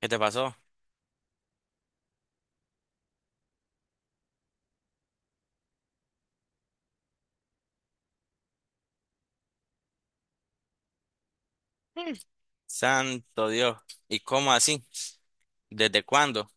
¿Qué te pasó? Mm. Santo Dios. ¿Y cómo así? ¿Desde cuándo?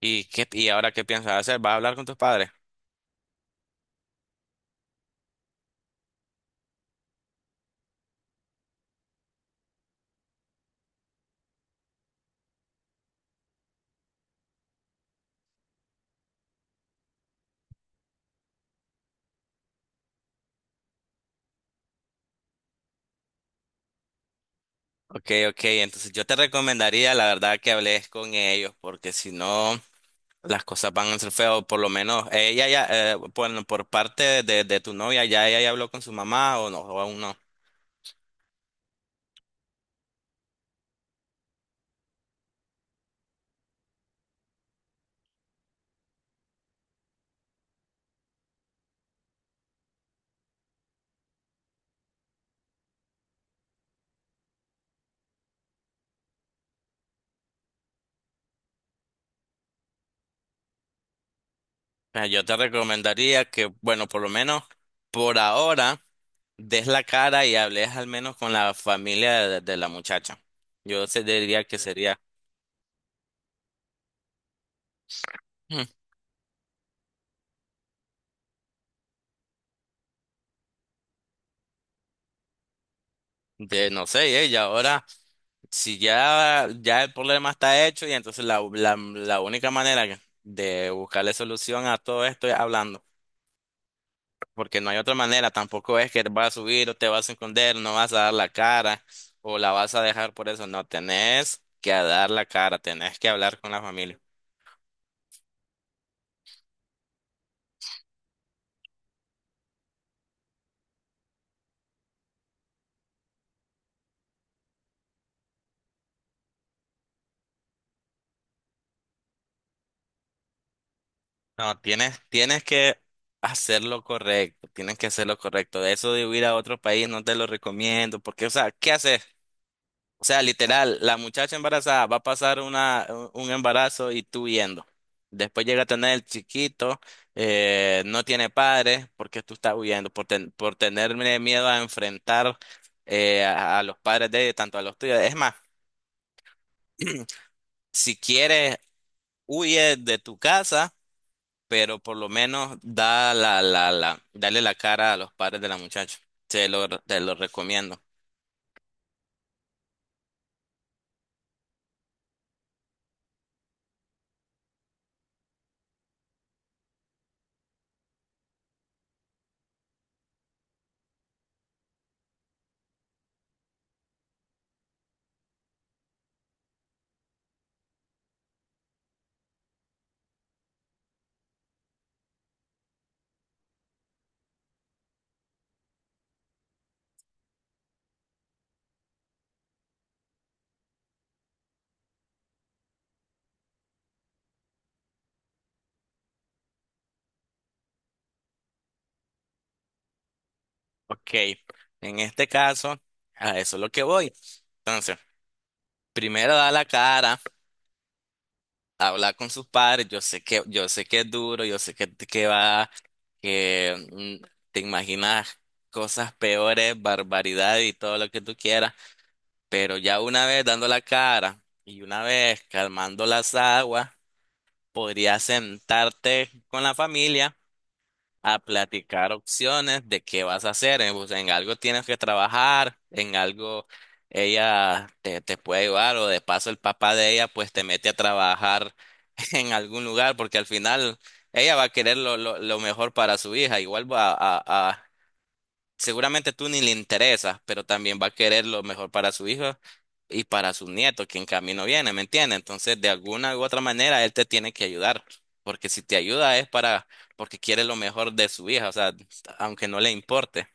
¿Y ahora qué piensas hacer? ¿Vas a hablar con tus padres? Ok, ok. Entonces yo te recomendaría, la verdad, que hables con ellos, porque si no, las cosas van a ser feas. Por lo menos ella ya, bueno, por parte de tu novia, ya ella ya habló con su mamá o no, o aún no. Yo te recomendaría que, bueno, por lo menos por ahora, des la cara y hables al menos con la familia de la muchacha. Yo se diría que sería. Hmm. No sé, y ahora, si ya el problema está hecho, y entonces la única manera de buscarle solución a todo esto es hablando, porque no hay otra manera, tampoco es que te vas a subir o te vas a esconder, no vas a dar la cara o la vas a dejar por eso, no, tenés que dar la cara, tenés que hablar con la familia, no, tienes que hacer lo correcto, tienes que hacer lo correcto, de eso de huir a otro país no te lo recomiendo, porque, o sea, ¿qué haces? O sea, literal, la muchacha embarazada va a pasar una, un embarazo y tú huyendo. Después llega a tener el chiquito, no tiene padres porque tú estás huyendo, por tenerle miedo a enfrentar a los padres de ella, tanto a los tuyos. Es más, si quieres, huye de tu casa, pero por lo menos da la, la, la, dale la cara a los padres de la muchacha. Te lo recomiendo. Ok, en este caso, a eso es lo que voy. Entonces. Primero da la cara, habla con sus padres, yo sé que es duro, yo sé que, que mm, te imaginas cosas peores, barbaridad y todo lo que tú quieras, pero ya una vez dando la cara y una vez calmando las aguas, podrías sentarte con la familia a platicar opciones de qué vas a hacer. Pues, en algo tienes que trabajar, en algo ella te puede ayudar o de paso el papá de ella pues te mete a trabajar en algún lugar porque al final ella va a querer lo mejor para su hija. Igual a, seguramente tú ni le interesas, pero también va a querer lo mejor para su hijo y para su nieto, que en camino viene, ¿me entiendes? Entonces, de alguna u otra manera, él te tiene que ayudar, porque si te ayuda porque quiere lo mejor de su hija, o sea, aunque no le importe.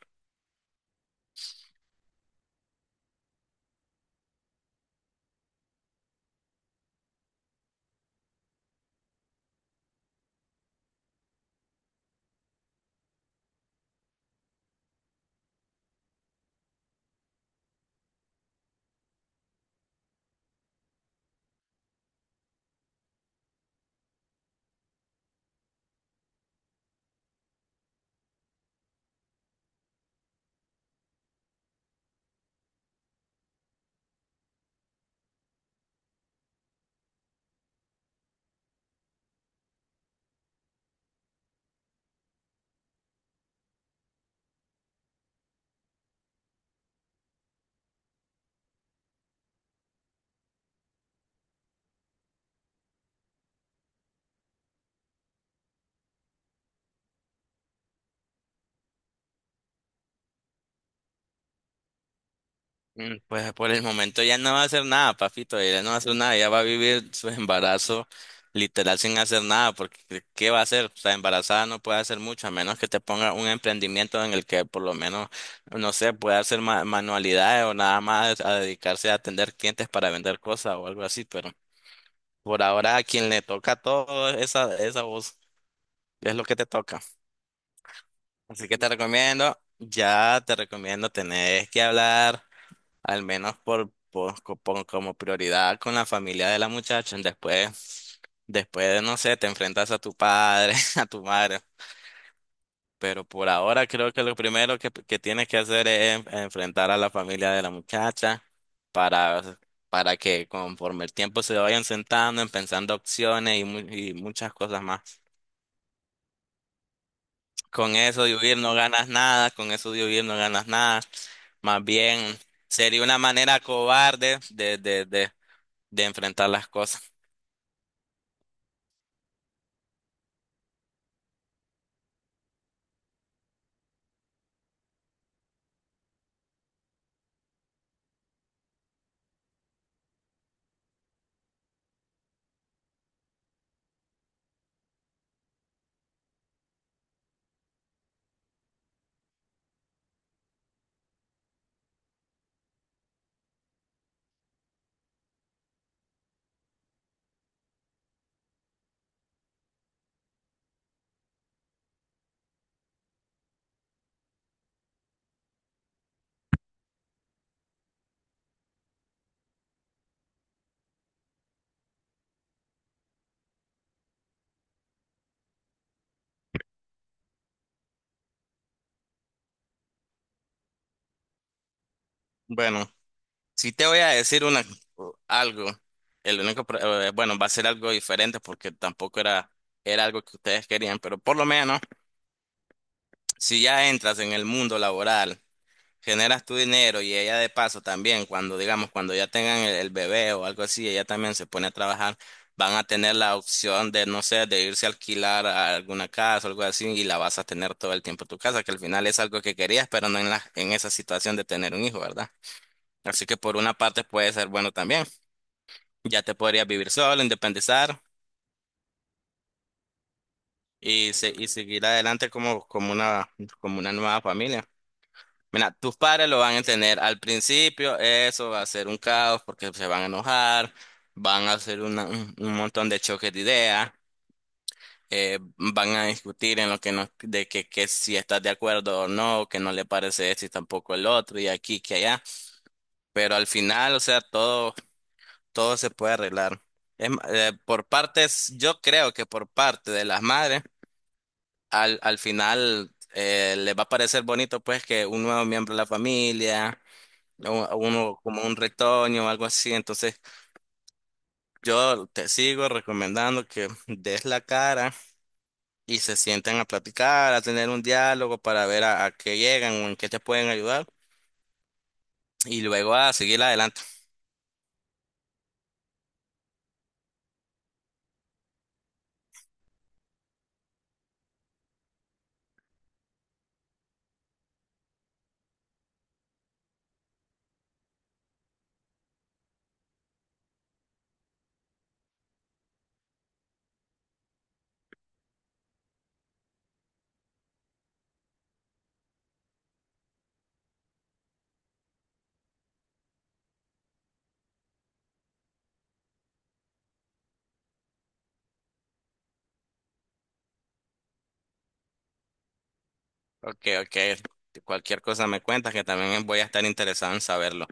Pues por el momento ya no va a hacer nada, papito, ella no va a hacer nada, ella va a vivir su embarazo literal sin hacer nada, porque ¿qué va a hacer? O sea, embarazada no puede hacer mucho, a menos que te ponga un emprendimiento en el que por lo menos, no sé, pueda hacer manualidades o nada más a dedicarse a atender clientes para vender cosas o algo así, pero por ahora a quien le toca todo esa voz es lo que te toca. Así que te recomiendo, tenés que hablar al menos como prioridad con la familia de la muchacha. Después, no sé, te enfrentas a tu padre, a tu madre. Pero por ahora creo que lo primero que tienes que hacer es enfrentar a la familia de la muchacha para, para que conforme el tiempo se vayan sentando, en pensando opciones y muchas cosas más. Con eso de huir no ganas nada, con eso de huir no ganas nada. Más bien sería una manera cobarde de enfrentar las cosas. Bueno, si te voy a decir algo, bueno, va a ser algo diferente porque tampoco era algo que ustedes querían, pero por lo menos, si ya entras en el mundo laboral, generas tu dinero y ella de paso también, cuando digamos, cuando ya tengan el bebé o algo así, ella también se pone a trabajar, van a tener la opción de, no sé, de irse a alquilar a alguna casa o algo así y la vas a tener todo el tiempo en tu casa, que al final es algo que querías, pero no en esa situación de tener un hijo, ¿verdad? Así que por una parte puede ser bueno también. Ya te podrías vivir solo, independizar y seguir adelante como, como una nueva familia. Mira, tus padres lo van a entender. Al principio eso va a ser un caos porque se van a enojar, van a hacer un montón de choques de ideas, van a discutir en lo que no, de que si estás de acuerdo o no, que no le parece esto y tampoco el otro y aquí que allá. Pero al final, o sea, todo se puede arreglar. Por partes, yo creo que por parte de las madres, al final les va a parecer bonito pues que un nuevo miembro de la familia, uno como un retoño o algo así. Entonces, yo te sigo recomendando que des la cara y se sienten a platicar, a tener un diálogo para ver a qué llegan o en qué te pueden ayudar y luego a seguir adelante. Ok, ok. Cualquier cosa me cuentas que también voy a estar interesado en saberlo.